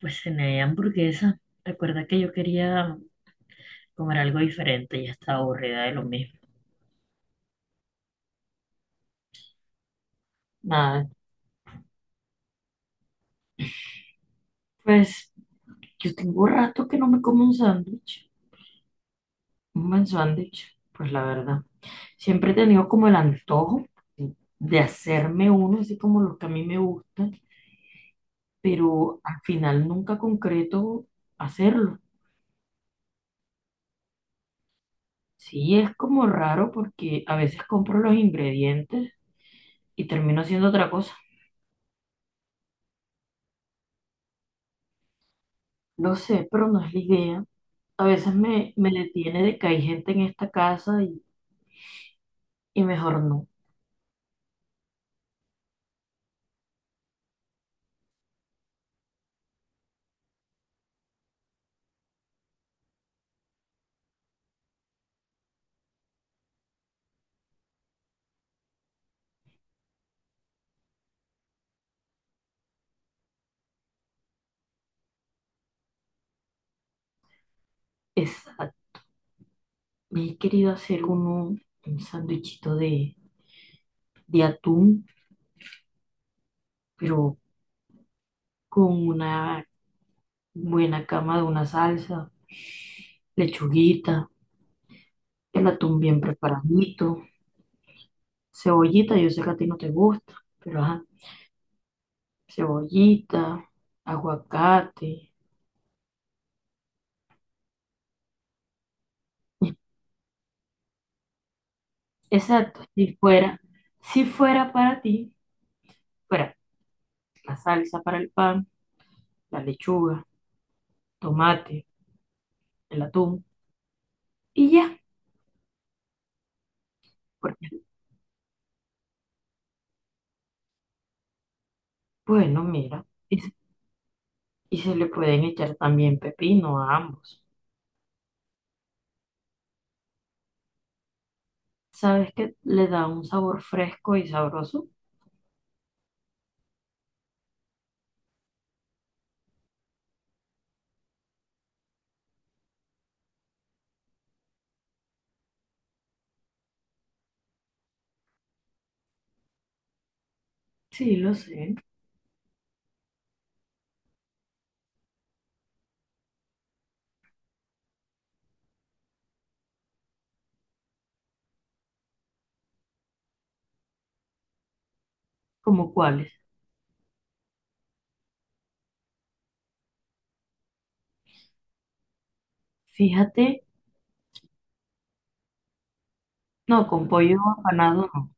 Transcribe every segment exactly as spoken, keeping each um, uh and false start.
Pues cené hamburguesa. Recuerda que yo quería comer algo diferente, ya estaba aburrida de lo mismo. Nada, pues yo tengo rato que no me como un sándwich, un buen sándwich, pues la verdad. Siempre he tenido como el antojo de hacerme uno, así como los que a mí me gustan, pero al final nunca concreto hacerlo. Sí, es como raro porque a veces compro los ingredientes y termino haciendo otra cosa. Lo sé, pero no es la idea. A veces me, me detiene de que hay gente en esta casa y, y mejor no. Exacto. Me he querido hacer un, un sándwichito de, de atún, pero con una buena cama de una salsa, lechuguita, el atún bien preparadito, cebollita, yo sé que a ti no te gusta, pero ajá, cebollita, aguacate. Exacto, si fuera, si fuera para ti, fuera la salsa para el pan, la lechuga, tomate el atún y ya. Porque, bueno, mira, y, se y se le pueden echar también pepino a ambos. ¿Sabes que le da un sabor fresco y sabroso? Sí, lo sé. ¿Como cuáles? Fíjate, no, con pollo apanado no.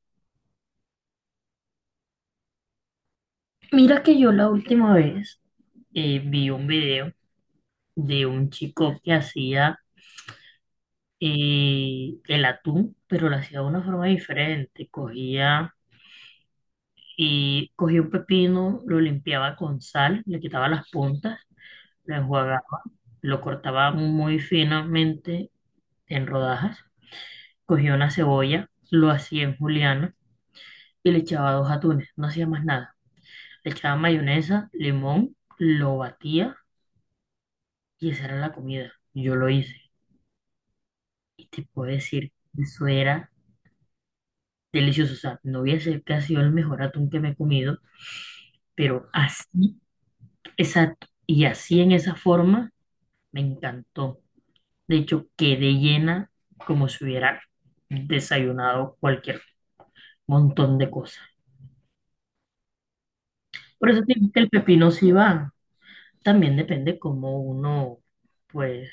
Mira que yo la última vez eh, vi un video de un chico que hacía eh, el atún, pero lo hacía de una forma diferente. Cogía y cogía un pepino, lo limpiaba con sal, le quitaba las puntas, lo enjuagaba, lo cortaba muy finamente en rodajas, cogía una cebolla, lo hacía en juliana y le echaba dos atunes, no hacía más nada. Le echaba mayonesa, limón, lo batía y esa era la comida. Yo lo hice y te puedo decir, eso era delicioso. O sea, no voy a decir que ha sido el mejor atún que me he comido, pero así, exacto, y así en esa forma me encantó. De hecho, quedé llena como si hubiera desayunado cualquier montón de cosas. Por eso te digo que el pepino sí va. También depende cómo uno, pues,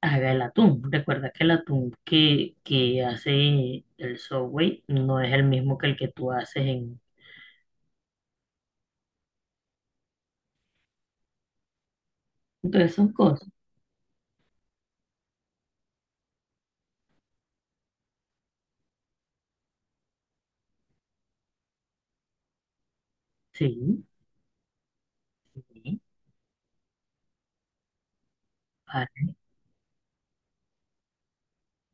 haga el atún. Recuerda que el atún que, que hace el Subway no es el mismo que el que tú haces en... Entonces son cosas. Sí. sí. Vale.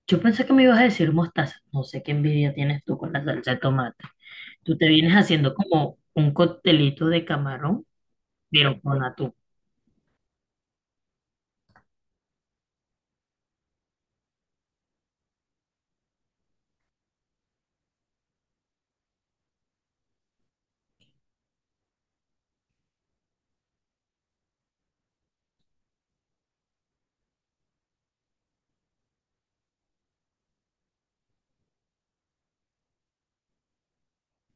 Yo pensé que me ibas a decir mostaza. No sé qué envidia tienes tú con la salsa de tomate. Tú te vienes haciendo como un coctelito de camarón, pero con atún.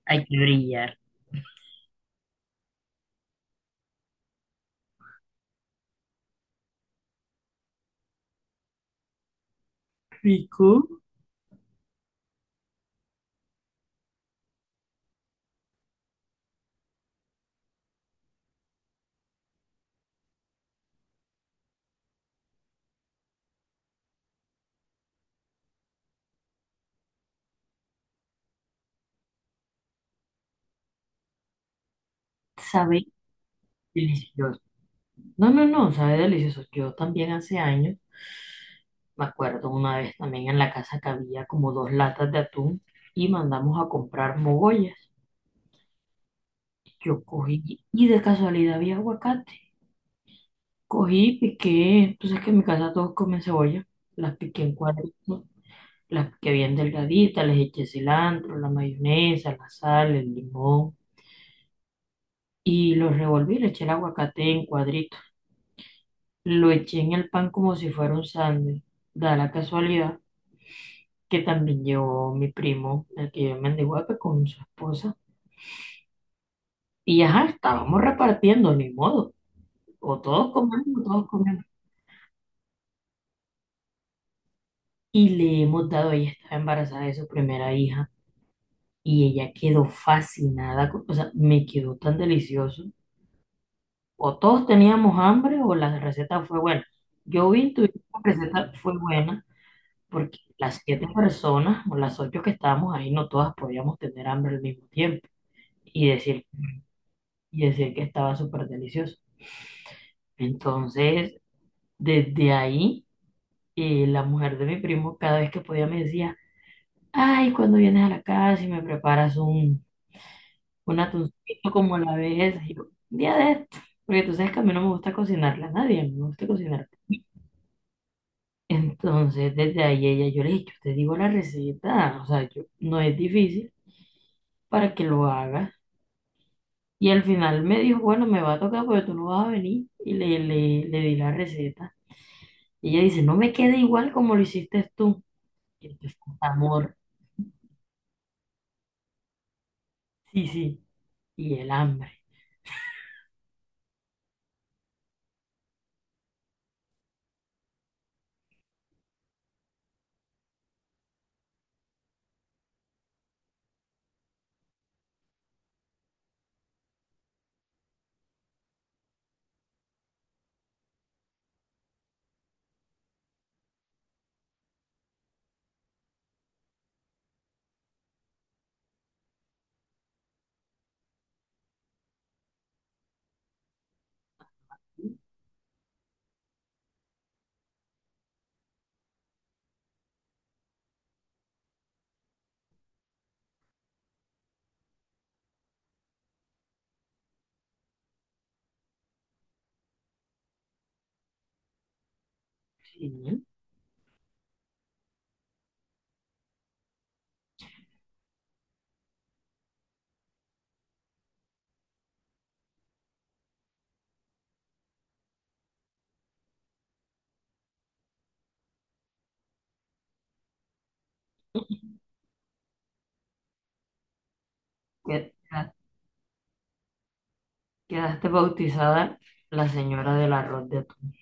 Hay que brillar. Rico. Sabe delicioso. No, no, no, sabe delicioso. Yo también hace años, me acuerdo una vez también en la casa que había como dos latas de atún y mandamos a comprar mogollas. Yo cogí y de casualidad había aguacate. Cogí, piqué, tú sabes que en mi casa todos comen cebolla, las piqué en cuadritos, las piqué bien delgaditas, les eché cilantro, la mayonesa, la sal, el limón y los revolví, le eché el aguacate en cuadritos. Lo eché en el pan como si fuera un sándwich. Da la casualidad que también llevó mi primo, el que vive en Mendihuaca, con su esposa. Y ajá, estábamos repartiendo, ni modo. O todos comemos, o todos comemos. Y le hemos dado, ella estaba embarazada de su primera hija y ella quedó fascinada, con- o sea, me quedó tan delicioso. O todos teníamos hambre o la receta fue buena. Yo vi intuí que la receta fue buena porque las siete personas o las ocho que estábamos ahí no todas podíamos tener hambre al mismo tiempo y decir, y decir que estaba súper delicioso. Entonces, desde ahí, eh, la mujer de mi primo cada vez que podía me decía, ay, cuando vienes a la casa y me preparas un, un atuncito como la vez, y yo, "Un día de esto, porque tú sabes que a mí no me gusta cocinarla a nadie, a mí me gusta cocinar. Entonces, desde ahí ella, yo le dije, yo te digo la receta, o sea, yo, no es difícil para que lo hagas. Y al final me dijo, bueno, me va a tocar porque tú no vas a venir. Y le, le, le di la receta. Y ella dice, no me queda igual como lo hiciste tú. Y te falta amor, sí, sí, y el hambre. Sí, que- quedaste bautizada la señora del arroz de atún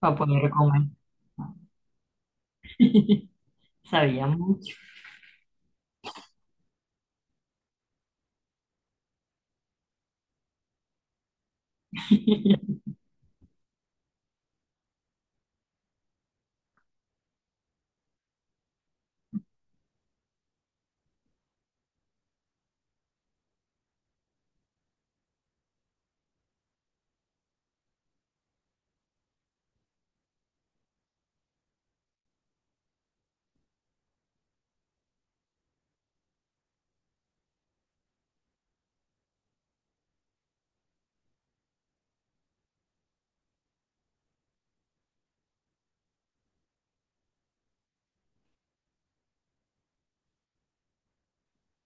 para poder comer. Sabía mucho.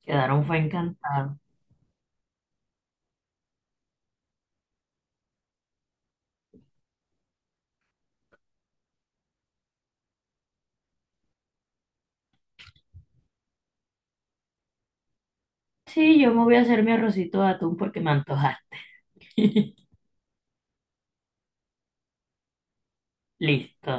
Quedaron fue encantado. Sí, yo me voy a hacer mi arrocito de atún porque me antoja. Listo.